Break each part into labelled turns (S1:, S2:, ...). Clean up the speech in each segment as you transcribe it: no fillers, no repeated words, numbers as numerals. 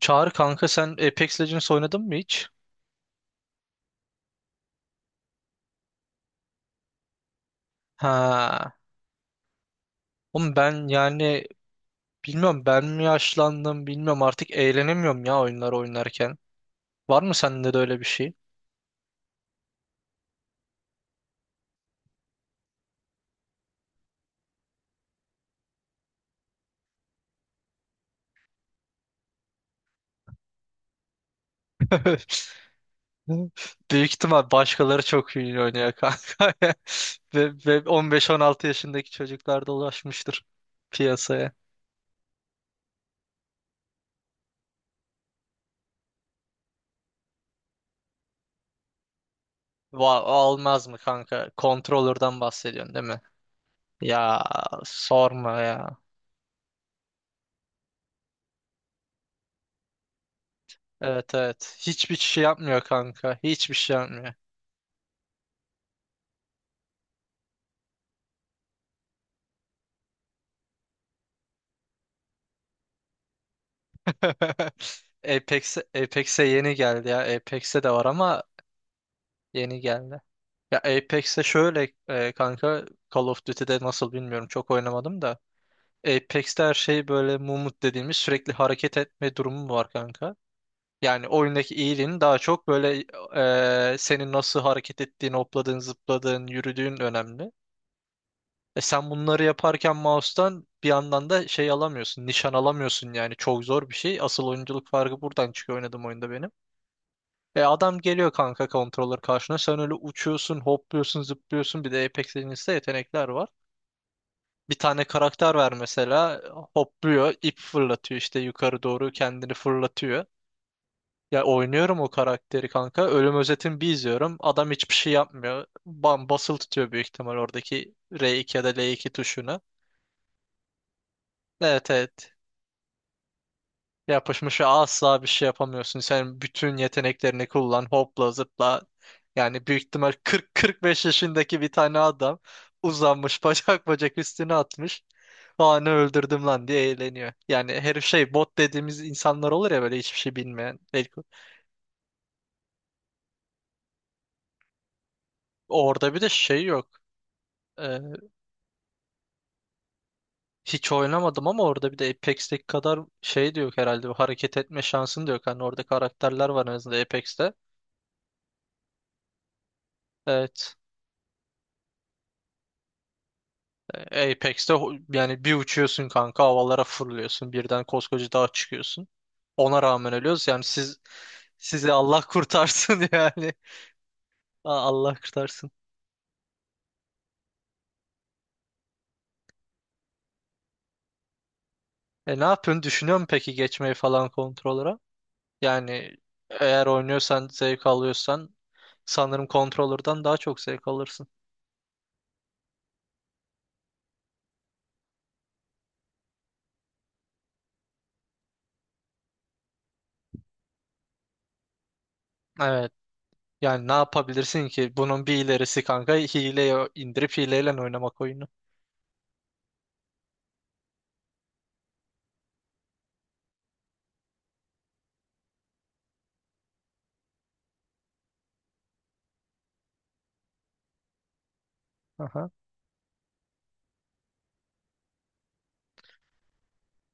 S1: Çağrı kanka sen Apex Legends oynadın mı hiç? Ha. Oğlum ben yani bilmiyorum ben mi yaşlandım bilmiyorum artık eğlenemiyorum ya oyunlar oynarken. Var mı sende de öyle bir şey? Büyük ihtimal başkaları çok iyi oynuyor kanka. Ve 15-16 yaşındaki çocuklar da ulaşmıştır piyasaya. Almaz mı kanka? Controller'dan bahsediyorsun değil mi? Ya sorma ya. Evet, evet. Hiçbir şey yapmıyor kanka. Hiçbir şey yapmıyor. Apex'e yeni geldi ya. Apex'e de var ama yeni geldi. Ya Apex'e şöyle kanka Call of Duty'de nasıl bilmiyorum çok oynamadım da. Apex'te her şey böyle mumut dediğimiz sürekli hareket etme durumu var kanka. Yani oyundaki iyiliğin daha çok böyle senin nasıl hareket ettiğin, hopladığın, zıpladığın, yürüdüğün önemli. E sen bunları yaparken mouse'tan bir yandan da şey alamıyorsun, nişan alamıyorsun yani çok zor bir şey. Asıl oyunculuk farkı buradan çıkıyor oynadım oyunda benim. E adam geliyor kanka controller karşına. Sen öyle uçuyorsun, hopluyorsun, zıplıyorsun. Bir de Apex Legends'te yetenekler var. Bir tane karakter ver mesela hopluyor, ip fırlatıyor işte yukarı doğru kendini fırlatıyor. Ya oynuyorum o karakteri kanka. Ölüm özetini bir izliyorum. Adam hiçbir şey yapmıyor. Bam basılı tutuyor büyük ihtimal oradaki R2 ya da L2 tuşunu. Evet, evet. Yapışmışa asla bir şey yapamıyorsun. Sen bütün yeteneklerini kullan, hopla zıpla. Yani büyük ihtimal 40-45 yaşındaki bir tane adam uzanmış bacak bacak üstüne atmış. Aa ne öldürdüm lan diye eğleniyor. Yani her şey bot dediğimiz insanlar olur ya böyle hiçbir şey bilmeyen. Orada bir de şey yok. Ee, hiç oynamadım ama orada bir de Apex'teki kadar şey de yok herhalde. Bu hareket etme şansın da yok. Hani orada karakterler var en azından Apex'te. Evet. Apex'te yani bir uçuyorsun kanka havalara fırlıyorsun birden koskoca dağa çıkıyorsun. Ona rağmen ölüyoruz yani sizi Allah kurtarsın yani. Allah kurtarsın. E ne yapıyorsun? Düşünüyor musun peki geçmeyi falan kontrolöre? Yani eğer oynuyorsan zevk alıyorsan sanırım kontrolörden daha çok zevk alırsın. Evet. Yani ne yapabilirsin ki? Bunun bir ilerisi kanka hileye indirip hileyle oynamak oyunu. Aha.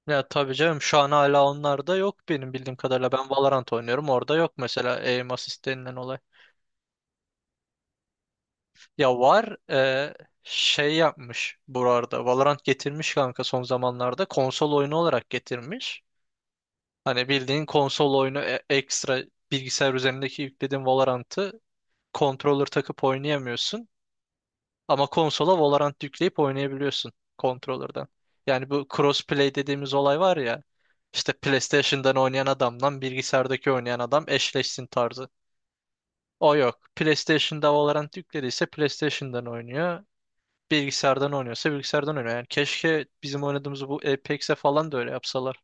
S1: Ya tabii canım şu an hala onlar da yok benim bildiğim kadarıyla. Ben Valorant oynuyorum orada yok mesela aim assist denilen olay. Ya var şey yapmış burada. Valorant getirmiş kanka son zamanlarda. Konsol oyunu olarak getirmiş. Hani bildiğin konsol oyunu ekstra bilgisayar üzerindeki yüklediğin Valorant'ı controller takıp oynayamıyorsun. Ama konsola Valorant yükleyip oynayabiliyorsun controller'dan. Yani bu crossplay dediğimiz olay var ya. İşte PlayStation'dan oynayan adamla bilgisayardaki oynayan adam eşleşsin tarzı. O yok. PlayStation'da Valorant yüklediyse PlayStation'dan oynuyor. Bilgisayardan oynuyorsa bilgisayardan oynuyor. Yani keşke bizim oynadığımız bu Apex'e falan da öyle yapsalar.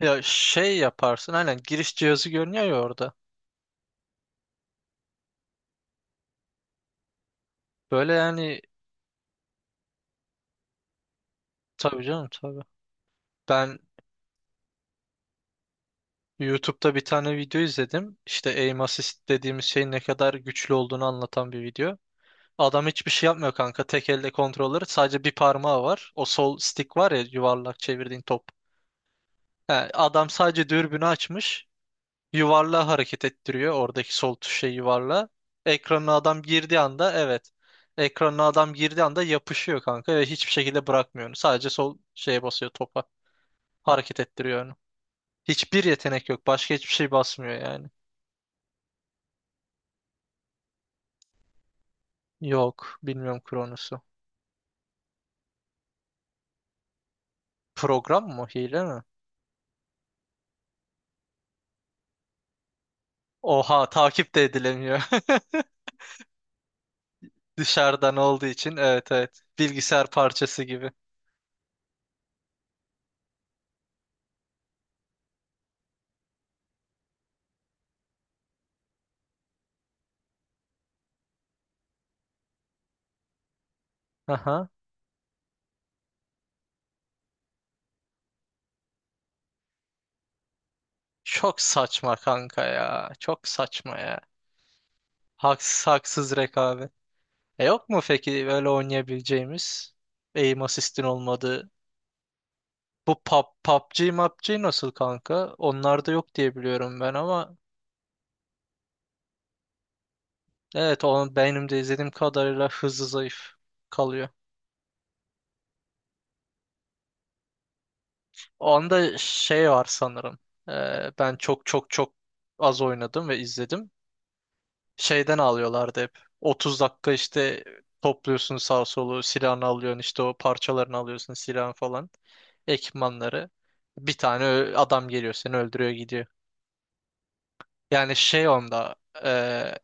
S1: Ya şey yaparsın aynen giriş cihazı görünüyor ya orada. Böyle yani tabii canım tabii. Ben YouTube'da bir tane video izledim. İşte aim assist dediğimiz şeyin ne kadar güçlü olduğunu anlatan bir video. Adam hiçbir şey yapmıyor kanka. Tek elde kontrolleri sadece bir parmağı var. O sol stick var ya yuvarlak çevirdiğin top. He, adam sadece dürbünü açmış. Yuvarlağı hareket ettiriyor. Oradaki sol tuşa yuvarla. Ekranına adam girdiği anda evet. Ekranına adam girdiği anda yapışıyor kanka ve hiçbir şekilde bırakmıyor onu. Sadece sol şeye basıyor topa. Hareket ettiriyor onu. Hiçbir yetenek yok. Başka hiçbir şey basmıyor yani. Yok. Bilmiyorum Kronos'u. Program mı? Hile mi? Oha takip de edilemiyor. Dışarıdan olduğu için evet, evet. Bilgisayar parçası gibi. Aha. Çok saçma kanka ya. Çok saçma ya. Haksız haksız rekabet. E yok mu peki böyle oynayabileceğimiz? Aim assist'in olmadığı. Bu PUBG, MUBG nasıl kanka? Onlar da yok diye biliyorum ben ama evet onun benim de izlediğim kadarıyla hızlı zayıf kalıyor. Onda şey var sanırım. Ben çok çok çok az oynadım ve izledim. Şeyden alıyorlardı hep. 30 dakika işte topluyorsun sağ solu, silahını alıyorsun işte o parçalarını alıyorsun silahın falan, ekipmanları. Bir tane adam geliyor seni öldürüyor gidiyor. Yani şey onda e,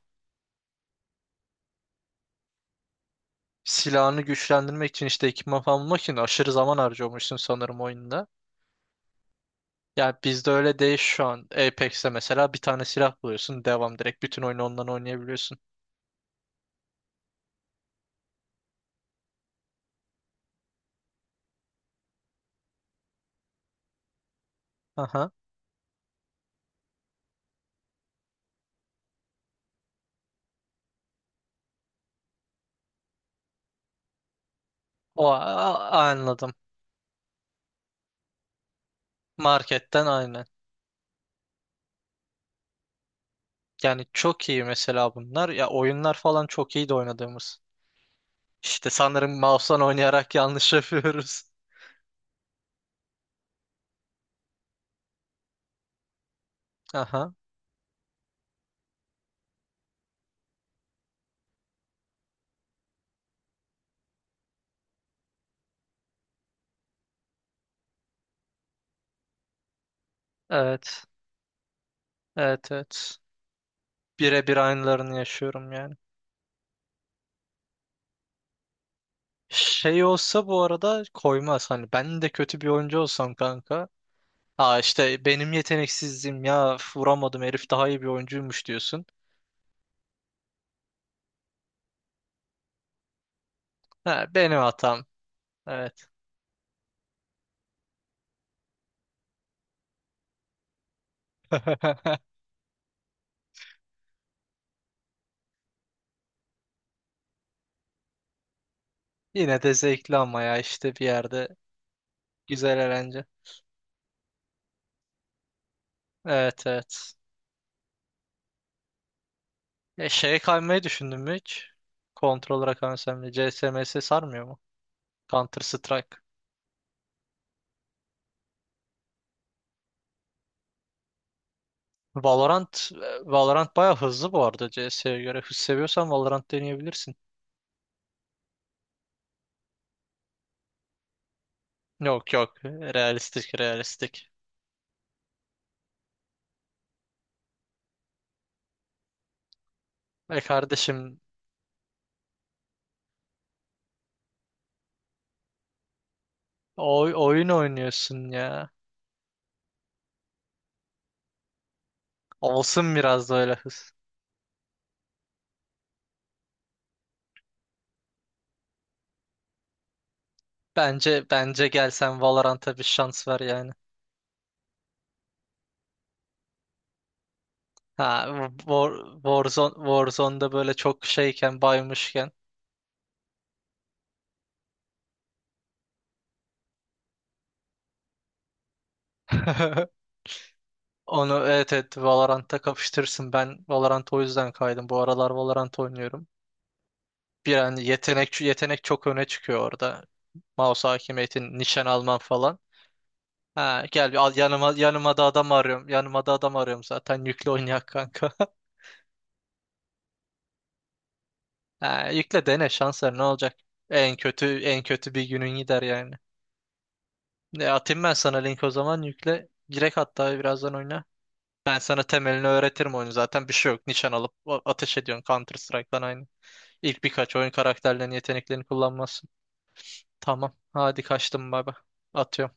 S1: silahını güçlendirmek için işte ekipman falan bulmak için aşırı zaman harcıyormuşsun sanırım oyunda. Yani bizde öyle değil şu an. Apex'te mesela bir tane silah buluyorsun. Devam direkt bütün oyunu ondan oynayabiliyorsun. Aha. O anladım. Marketten aynen. Yani çok iyi mesela bunlar. Ya oyunlar falan çok iyi de oynadığımız. İşte sanırım mouse'dan oynayarak yanlış yapıyoruz. Aha. Evet. Evet, evet. Birebir aynılarını yaşıyorum ya. Şey olsa bu arada koymaz. Hani ben de kötü bir oyuncu olsam kanka. Aa işte benim yeteneksizliğim ya üf, vuramadım herif daha iyi bir oyuncuymuş diyorsun. Ha, benim hatam. Evet. Yine de zevkli ama ya işte bir yerde güzel eğlence. Evet, evet. E, şeye kaymayı düşündün mü hiç? Kontrolöre kaysam da CSMS sarmıyor mu? Counter Strike. Valorant baya hızlı bu arada CS'ye göre. Hız seviyorsan Valorant deneyebilirsin. Yok, yok. Realistik, realistik. E kardeşim oyun oynuyorsun ya. Olsun biraz da öyle hız. Bence bence gel sen Valorant'a bir şans ver yani. Ha War, Warzone'da böyle çok şeyken baymışken onu evet, evet Valorant'ta kapıştırırsın. Ben Valorant'a o yüzden kaydım. Bu aralar Valorant oynuyorum. Bir an yetenek yetenek çok öne çıkıyor orada. Mouse hakimiyetini nişan alman falan. Ha, gel bir al yanıma, yanıma da adam arıyorum. Yanıma da adam arıyorum zaten. Yükle oynayak kanka. Ha, yükle dene şanslar ne olacak? En kötü bir günün gider yani. Ne atayım ben sana link o zaman yükle. Direkt hatta birazdan oyna. Ben sana temelini öğretirim oyunu zaten. Bir şey yok. Nişan alıp ateş ediyorsun Counter Strike'dan aynı. İlk birkaç oyun karakterlerin yeteneklerini kullanmazsın. Tamam. Hadi kaçtım baba. Atıyorum.